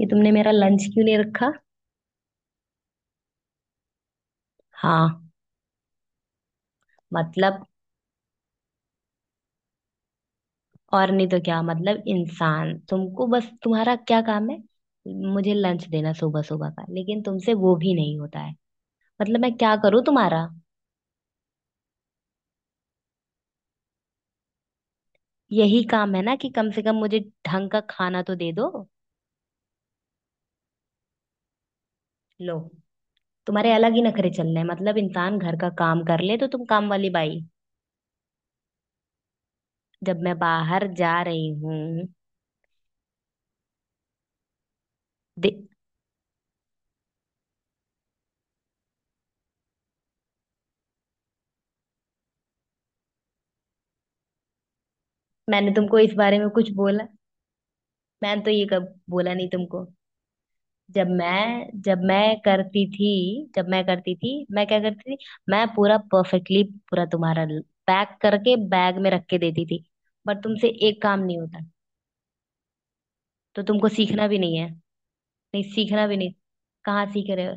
ये तुमने मेरा लंच क्यों नहीं रखा। हाँ। मतलब और नहीं तो क्या। मतलब इंसान, तुमको बस तुम्हारा क्या काम है? मुझे लंच देना सुबह सुबह का, लेकिन तुमसे वो भी नहीं होता है। मतलब मैं क्या करूँ तुम्हारा? यही काम है ना कि कम से कम मुझे ढंग का खाना तो दे दो। लो, तुम्हारे अलग ही नखरे चल रहे हैं। मतलब इंसान घर का काम कर ले तो तुम काम वाली बाई? जब मैं बाहर जा रही हूँ। दे- मैंने तुमको इस बारे में कुछ बोला? मैंने तो ये कब बोला नहीं तुमको। जब मैं करती थी, जब मैं करती थी मैं क्या करती थी? मैं पूरा परफेक्टली, पूरा तुम्हारा पैक करके बैग में रख के देती थी। पर तुमसे एक काम नहीं होता, तो तुमको सीखना भी नहीं है। नहीं, सीखना भी नहीं। कहाँ सीख रहे हो?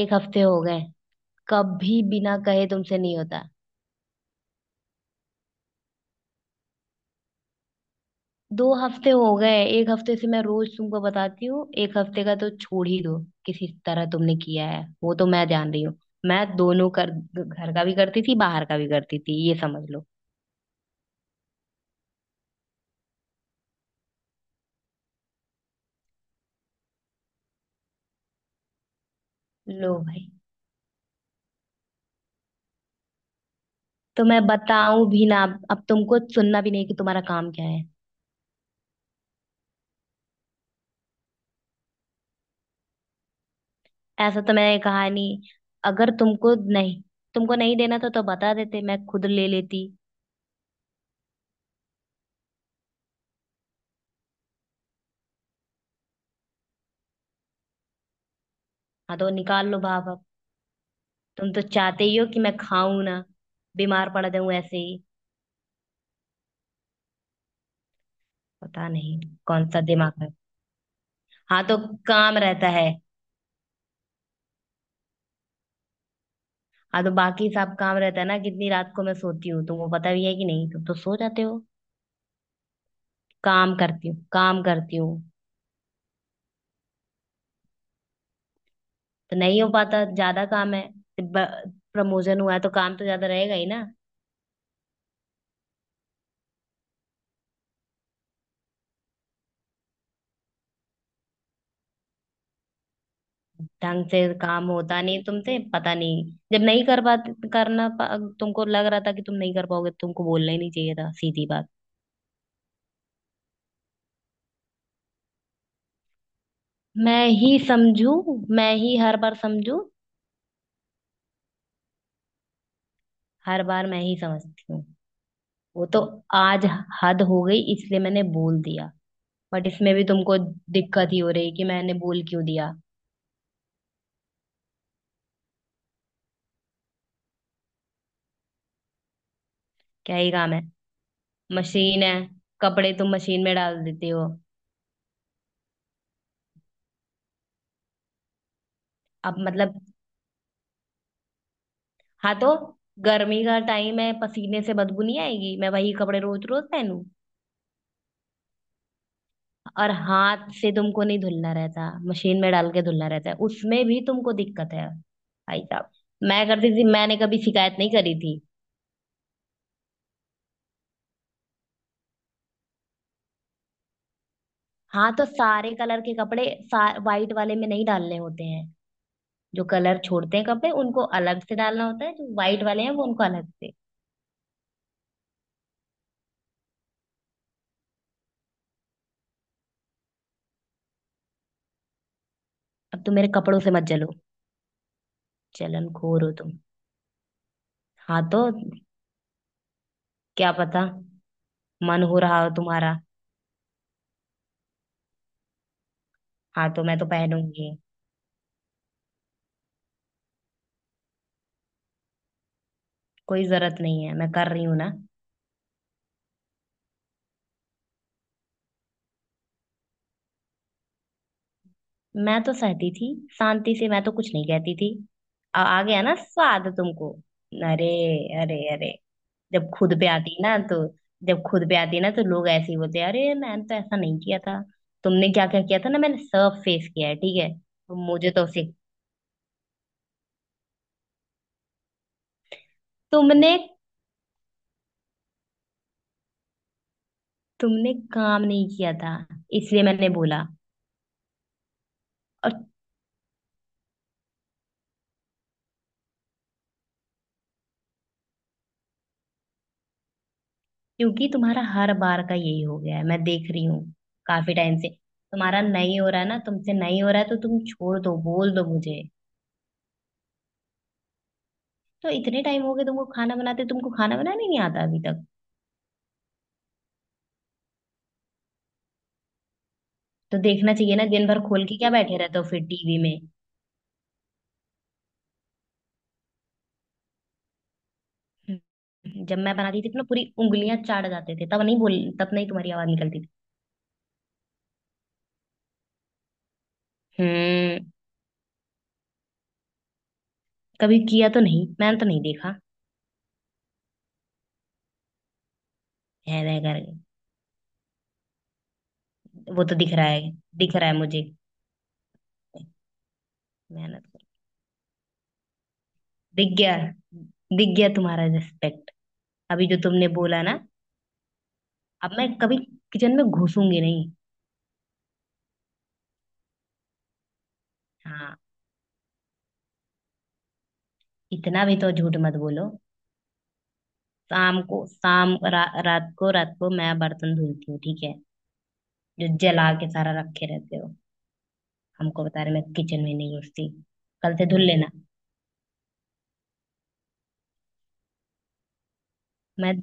एक हफ्ते हो गए, कभी बिना कहे तुमसे नहीं होता। दो हफ्ते हो गए, एक हफ्ते से मैं रोज तुमको बताती हूँ, एक हफ्ते का तो छोड़ ही दो। किसी तरह तुमने किया है वो तो मैं जान रही हूँ। मैं दोनों कर, घर का भी करती थी बाहर का भी करती थी, ये समझ लो। लो भाई, तो मैं बताऊं भी ना? अब तुमको सुनना भी नहीं कि तुम्हारा काम क्या है। ऐसा तो मैंने कहा नहीं। अगर तुमको नहीं, तुमको नहीं देना था तो बता देते, मैं खुद ले लेती। हाँ तो निकाल लो भाप अब। तुम तो चाहते ही हो कि मैं खाऊं ना, बीमार पड़ जाऊं ऐसे ही। पता नहीं कौन सा दिमाग है। हाँ तो काम रहता है। हाँ तो बाकी सब काम रहता है ना। कितनी रात को मैं सोती हूँ तुमको पता भी है कि नहीं, तुम तो सो जाते हो। काम करती हूँ, काम करती हूँ तो नहीं हो पाता, ज्यादा काम है। प्रमोशन हुआ है तो काम तो ज्यादा रहेगा ही ना। ढंग से काम होता नहीं तुमसे, पता नहीं। जब नहीं कर पाते, तुमको लग रहा था कि तुम नहीं कर पाओगे, तुमको बोलना ही नहीं चाहिए था, सीधी बात। मैं ही समझू, मैं ही हर बार समझू, हर बार मैं ही समझती हूँ। वो तो आज हद हो गई इसलिए मैंने बोल दिया, बट इसमें भी तुमको दिक्कत ही हो रही कि मैंने बोल क्यों दिया। क्या ही काम है। मशीन है, कपड़े तुम मशीन में डाल देते हो। अब मतलब। हाँ तो गर्मी का टाइम है, पसीने से बदबू नहीं आएगी? मैं वही कपड़े रोज रोज पहनूं? और हाथ से तुमको नहीं धुलना रहता, मशीन में डाल के धुलना रहता है, उसमें भी तुमको दिक्कत है भाई साहब। मैं करती थी, मैंने कभी शिकायत नहीं करी थी। हाँ तो सारे कलर के कपड़े, वाइट वाले में नहीं डालने होते हैं। जो कलर छोड़ते हैं कपड़े उनको अलग से डालना होता है, जो वाइट वाले हैं वो उनको अलग से। अब तुम मेरे कपड़ों से मत जलो, जलनखोर हो तुम। हाँ तो क्या पता, मन हो रहा हो तुम्हारा। हाँ तो मैं तो पहनूंगी। कोई जरूरत नहीं है, मैं कर रही हूँ ना। मैं तो सहती थी, शांति से मैं तो कुछ नहीं कहती थी। आ गया ना स्वाद तुमको। अरे, अरे अरे। जब खुद पे आती ना तो, जब खुद पे आती ना तो लोग ऐसे ही बोलते हैं, अरे मैंने तो ऐसा नहीं किया था। तुमने क्या क्या किया था ना, मैंने सब फेस किया है, ठीक है, तो मुझे तो उसे। तुमने तुमने काम नहीं किया था इसलिए मैंने बोला। और, क्योंकि तुम्हारा हर बार का यही हो गया है, मैं देख रही हूँ काफी टाइम से। तुम्हारा नहीं हो रहा है ना, तुमसे नहीं हो रहा है तो तुम छोड़ दो, बोल दो मुझे। तो इतने टाइम हो गए तुमको खाना बनाते, तुमको खाना बनाने नहीं आता अभी तक। तो देखना चाहिए ना, दिन भर खोल के क्या बैठे रहते हो फिर टीवी? में, जब मैं बनाती थी तो ना पूरी उंगलियां चाट जाते थे, तब नहीं बोल, तब नहीं तुम्हारी आवाज निकलती थी। हम्म, कभी किया तो नहीं, मैंने तो नहीं देखा। है वह कर। वो तो दिख रहा है, दिख रहा है मुझे। मेहनत कर। दिख गया, दिख गया तुम्हारा रिस्पेक्ट। अभी जो तुमने बोला ना, अब मैं कभी किचन में घुसूंगी नहीं। हाँ, इतना भी तो झूठ मत बोलो। शाम को, रात को, रात को मैं बर्तन धुलती हूँ, ठीक है? जो जला के सारा रखे रहते हो, हमको बता रहे मैं किचन में नहीं घुसती। कल से धुल लेना। मैं।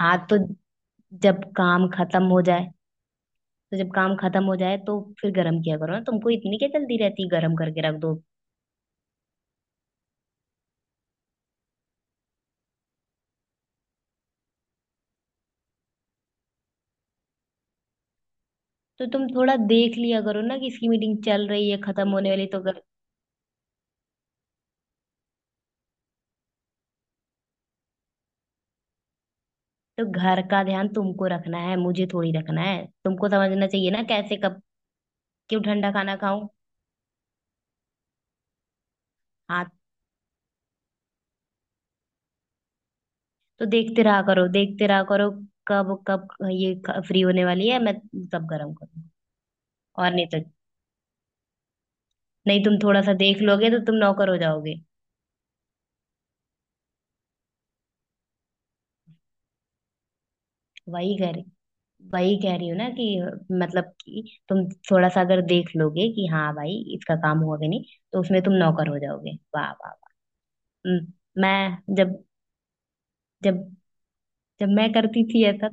हाँ तो जब काम खत्म हो जाए, तो जब काम खत्म हो जाए तो फिर गर्म किया करो ना, तुमको इतनी क्या जल्दी रहती है गर्म करके रख दो? तो तुम थोड़ा देख लिया करो ना कि इसकी मीटिंग चल रही है, खत्म होने वाली तो। तो घर का ध्यान तुमको रखना है, मुझे थोड़ी रखना है, तुमको समझना चाहिए ना, कैसे कब। क्यों ठंडा खाना खाऊं? हाँ तो देखते रहा करो, देखते रहा करो कब कब ये फ्री होने वाली है, मैं सब गर्म करूँ। और नहीं तो, नहीं, तुम थोड़ा सा देख लोगे तो तुम नौकर हो जाओगे? वही कह रही, वही कह रही हूँ ना कि, मतलब कि तुम थोड़ा सा अगर देख लोगे कि हाँ भाई इसका काम हुआ कि नहीं, तो उसमें तुम नौकर हो जाओगे? वाह वाह वाह। हम्म, मैं जब जब जब मैं करती थी ऐसा,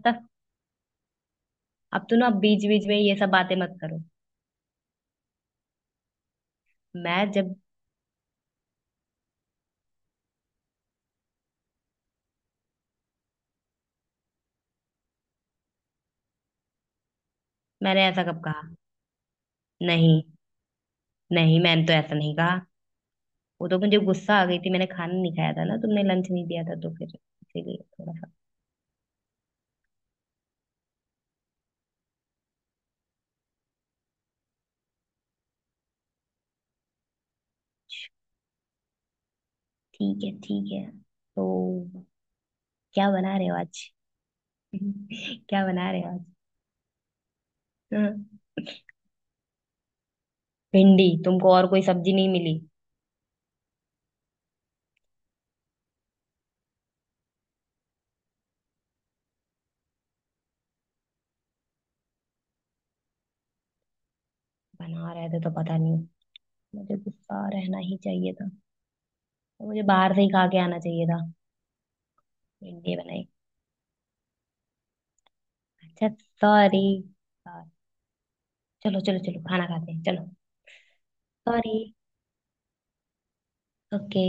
अब तो ना बीच बीच में ये सब बातें मत करो। मैं जब, मैंने ऐसा कब कहा? नहीं नहीं मैंने तो ऐसा नहीं कहा। वो तो मुझे गुस्सा आ गई थी, मैंने खाना नहीं खाया था ना, तुमने लंच नहीं दिया था, तो फिर इसीलिए थोड़ा सा। ठीक है, ठीक है। तो क्या बना रहे हो आज? क्या बना रहे हो आज? हाँ, भिंडी? तुमको और कोई सब्जी नहीं मिली? बना रहे थे तो, पता नहीं, मुझे गुस्सा रहना ही चाहिए था। मुझे बाहर से ही खा के आना चाहिए था। भिंडी बनाई। अच्छा, सॉरी। चलो चलो चलो, खाना खाते हैं चलो। सॉरी। ओके।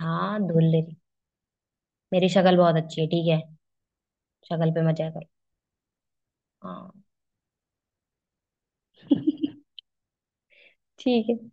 हाँ धुल ले रही, मेरी शक्ल बहुत अच्छी है ठीक है। शक्ल पे मजा करो। हाँ। ठीक है।